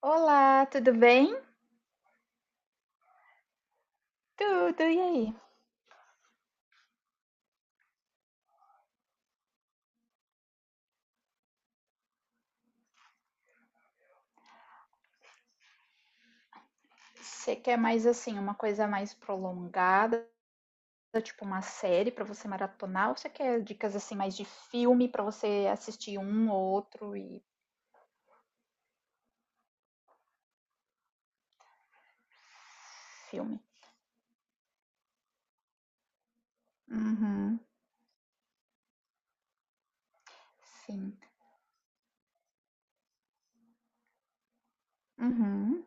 Olá, tudo bem? Tudo, e aí? Você quer mais assim, uma coisa mais prolongada, tipo uma série pra você maratonar, ou você quer dicas assim mais de filme pra você assistir um ou outro e filme? Uhum, sim. Uhum.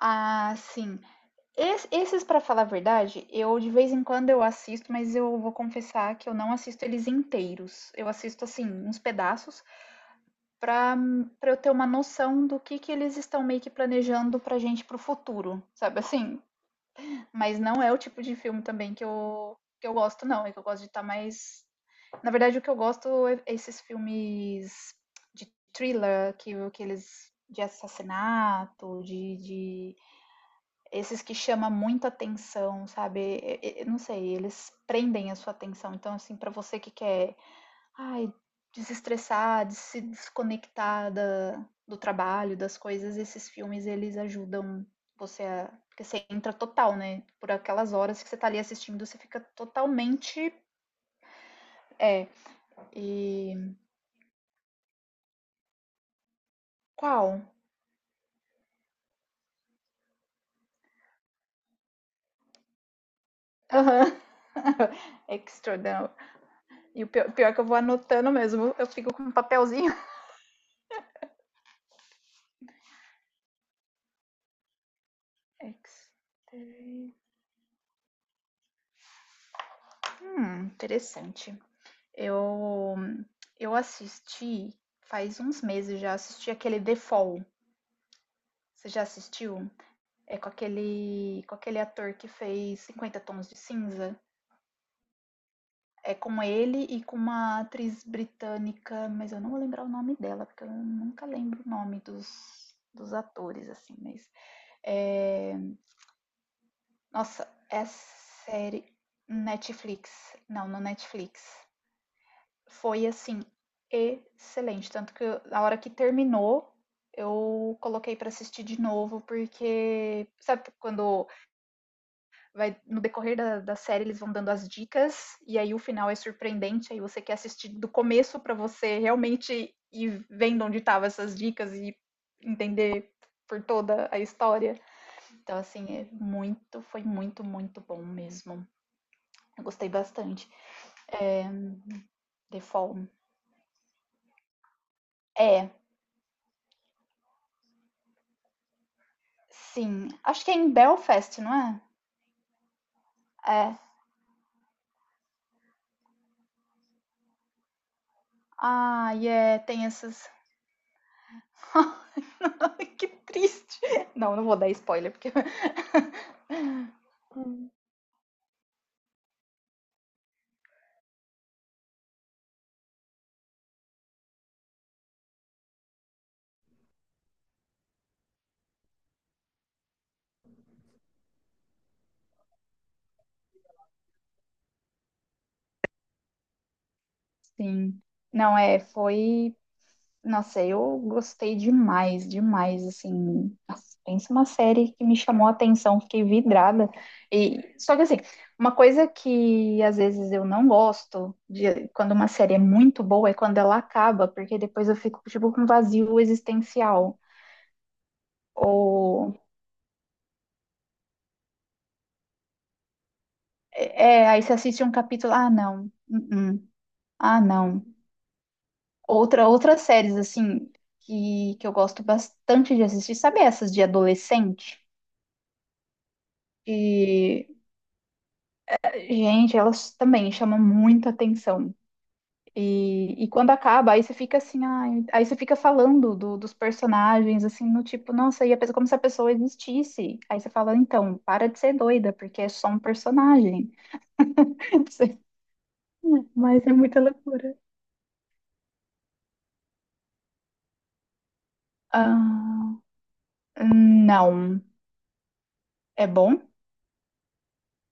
Ah, sim. Esses, pra falar a verdade, eu de vez em quando eu assisto, mas eu vou confessar que eu não assisto eles inteiros. Eu assisto assim, uns pedaços, para para eu ter uma noção do que eles estão meio que planejando pra gente pro futuro, sabe assim? Mas não é o tipo de filme também que eu gosto não, é que eu gosto de estar tá mais. Na verdade, o que eu gosto é esses filmes de thriller, que eles de assassinato, de esses que chamam muita atenção, sabe? Eu não sei, eles prendem a sua atenção. Então, assim, para você que quer. Ai, desestressar, de se desconectar da, do trabalho, das coisas, esses filmes eles ajudam você a. Porque você entra total, né? Por aquelas horas que você tá ali assistindo, você fica totalmente. É. E. Qual? Aham. Uhum. External. E o pior, pior que eu vou anotando mesmo, eu fico com um papelzinho. Interessante. Eu, eu assisti, faz uns meses já, assisti aquele The Fall. Você já assistiu? É com aquele ator que fez Cinquenta Tons de Cinza. É com ele e com uma atriz britânica, mas eu não vou lembrar o nome dela, porque eu nunca lembro o nome dos atores, assim, mas. É... Nossa, é série Netflix. Não, no Netflix. Foi assim, excelente. Tanto que na hora que terminou, eu coloquei pra assistir de novo, porque. Sabe quando vai no decorrer da série eles vão dando as dicas e aí o final é surpreendente, aí você quer assistir do começo para você realmente ir vendo onde estavam essas dicas e entender por toda a história. Então assim, é muito, foi muito, muito bom mesmo. Eu gostei bastante. The Fall. É, sim. Acho que é em Belfast, não é? É. Ah, e yeah, tem essas. Que triste. Não, não vou dar spoiler porque. Sim. Não, é, foi. Nossa, eu gostei demais, demais, assim. Nossa, pensa uma série que me chamou a atenção, fiquei vidrada. E só que assim, uma coisa que às vezes eu não gosto de quando uma série é muito boa é quando ela acaba, porque depois eu fico tipo com um vazio existencial. Ou é, aí você assiste um capítulo, ah, não, -uh, ah, não. Outra, outras séries assim que eu gosto bastante de assistir, sabe essas de adolescente? Que. Gente, elas também chamam muita atenção. E quando acaba, aí você fica assim, ai, aí você fica falando dos personagens, assim, no tipo, nossa, e a pessoa, como se a pessoa existisse. Aí você fala, então, para de ser doida, porque é só um personagem. Mas é muita loucura. Ah, não, é bom?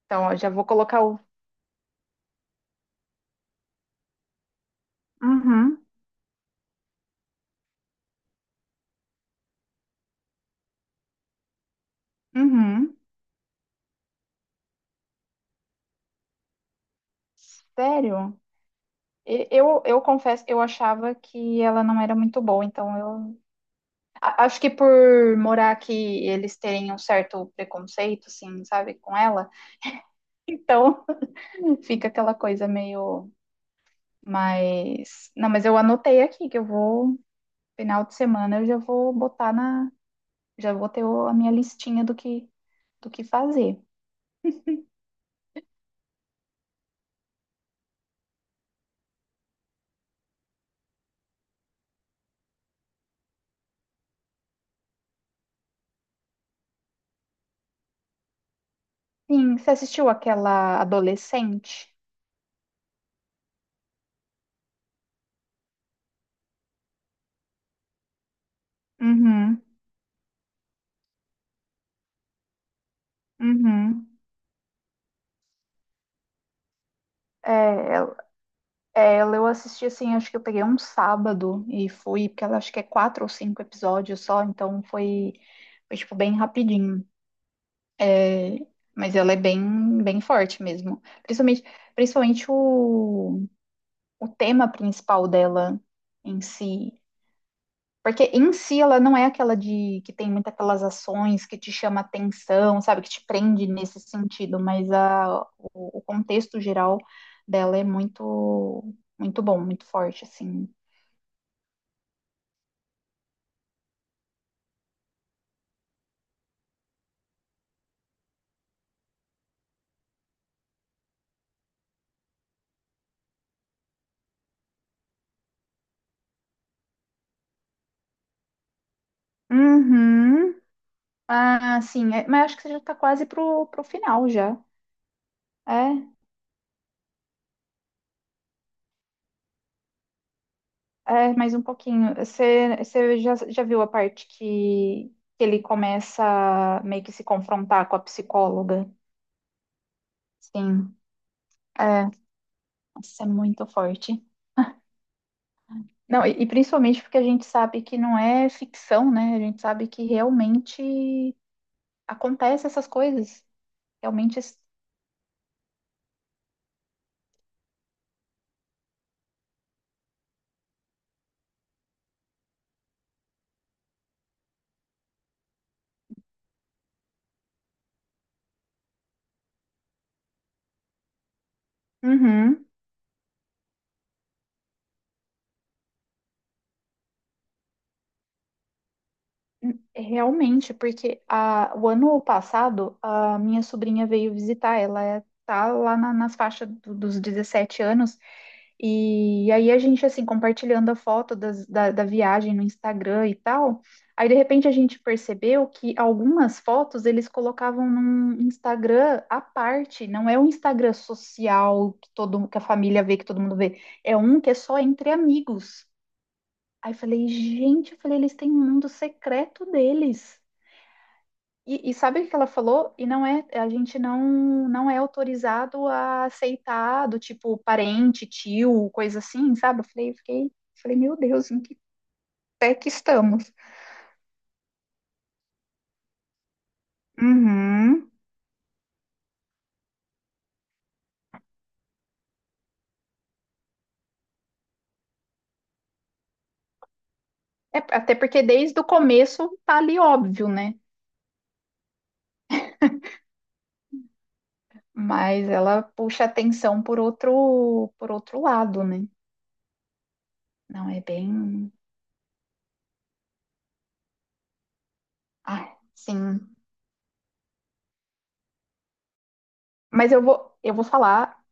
Então, eu já vou colocar o. Uhum, uhum. Sério? Eu confesso, eu achava que ela não era muito boa, então eu. Acho que por morar aqui, eles terem um certo preconceito, assim, sabe, com ela. Então, fica aquela coisa meio mais. Não, mas eu anotei aqui que eu vou, final de semana, eu já vou botar na. Já vou ter a minha listinha do que fazer. Sim, você assistiu aquela adolescente? Uhum, uhum. É, É, ela eu assisti assim, acho que eu peguei um sábado e fui, porque ela acho que é quatro ou cinco episódios só, então foi tipo bem rapidinho. É, mas ela é bem, bem forte mesmo. Principalmente, principalmente o tema principal dela em si. Porque em si ela não é aquela de que tem muitas aquelas ações que te chama atenção, sabe, que te prende nesse sentido, mas a, o contexto geral dela é muito muito bom, muito forte, assim. Uhum. Ah, sim. Mas acho que você já está quase pro final já. É, é, mais um pouquinho. Você já viu a parte que ele começa a meio que se confrontar com a psicóloga? Sim. É, isso é muito forte. Não, e principalmente porque a gente sabe que não é ficção, né? A gente sabe que realmente acontece essas coisas. Realmente. Uhum. Realmente, porque a, o ano passado a minha sobrinha veio visitar, ela é, tá lá nas faixas dos 17 anos, e aí a gente assim compartilhando a foto da viagem no Instagram e tal. Aí de repente a gente percebeu que algumas fotos eles colocavam num Instagram à parte, não é um Instagram social que todo que a família vê, que todo mundo vê, é um que é só entre amigos. Aí falei, gente, eu falei, eles têm um mundo secreto deles. E sabe o que ela falou? E não é, a gente não é autorizado a aceitar do tipo parente, tio, coisa assim, sabe? Eu falei, eu fiquei, falei, meu Deus, em que pé que estamos? Uhum. É, até porque desde o começo tá ali óbvio, né? Mas ela puxa atenção por outro lado, né? Não é bem, ah, sim. Mas eu vou falar.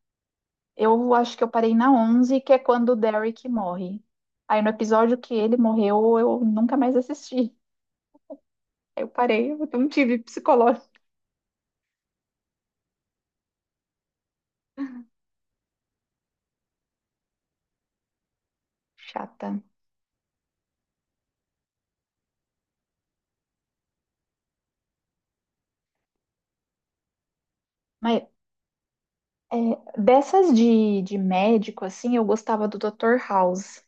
Eu acho que eu parei na 11, que é quando o Derek morre. Aí no episódio que ele morreu, eu nunca mais assisti. Aí eu parei, eu não tive psicológico. Chata. Mas é, dessas de médico, assim, eu gostava do Dr. House.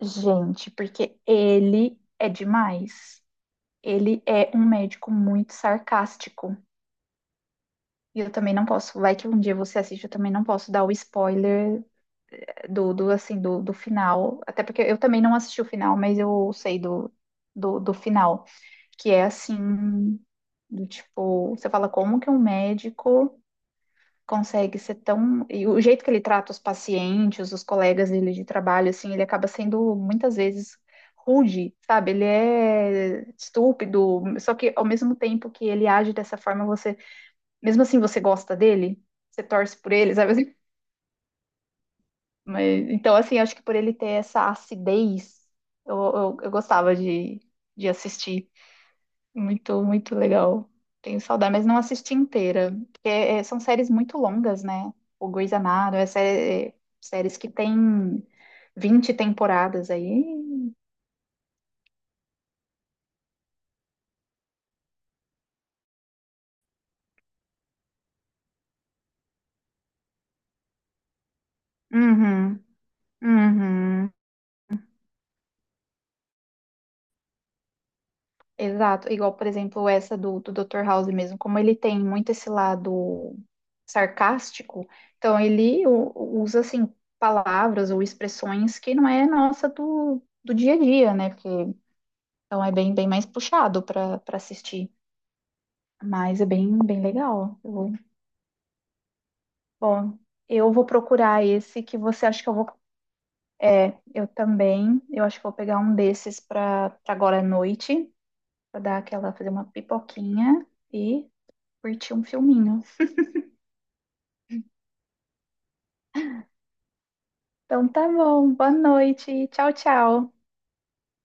Gente, porque ele é demais. Ele é um médico muito sarcástico. E eu também não posso. Vai que um dia você assiste, eu também não posso dar o spoiler do assim, do final. Até porque eu também não assisti o final, mas eu sei do final. Que é assim, do tipo, você fala como que um médico consegue ser tão. E o jeito que ele trata os pacientes, os colegas dele de trabalho, assim, ele acaba sendo muitas vezes rude, sabe? Ele é estúpido, só que ao mesmo tempo que ele age dessa forma, você, mesmo assim, você gosta dele, você torce por ele, sabe? Mas, então, assim, acho que por ele ter essa acidez, eu gostava de assistir. Muito, muito legal. Tenho saudade, mas não assisti inteira. Porque é, são séries muito longas, né? O Grey's Anatomy, é séries que tem 20 temporadas aí. Uhum, uhum. Exato, igual, por exemplo, essa do Dr. House mesmo, como ele tem muito esse lado sarcástico, então ele usa, assim, palavras ou expressões que não é nossa do dia a dia, né? Porque, então é bem, bem mais puxado para assistir, mas é bem, bem legal. Bom, eu vou procurar esse que você acha que eu vou... É, eu também, eu acho que vou pegar um desses para agora à noite, para dar aquela, fazer uma pipoquinha e curtir um filminho. Então tá bom, boa noite. Tchau, tchau.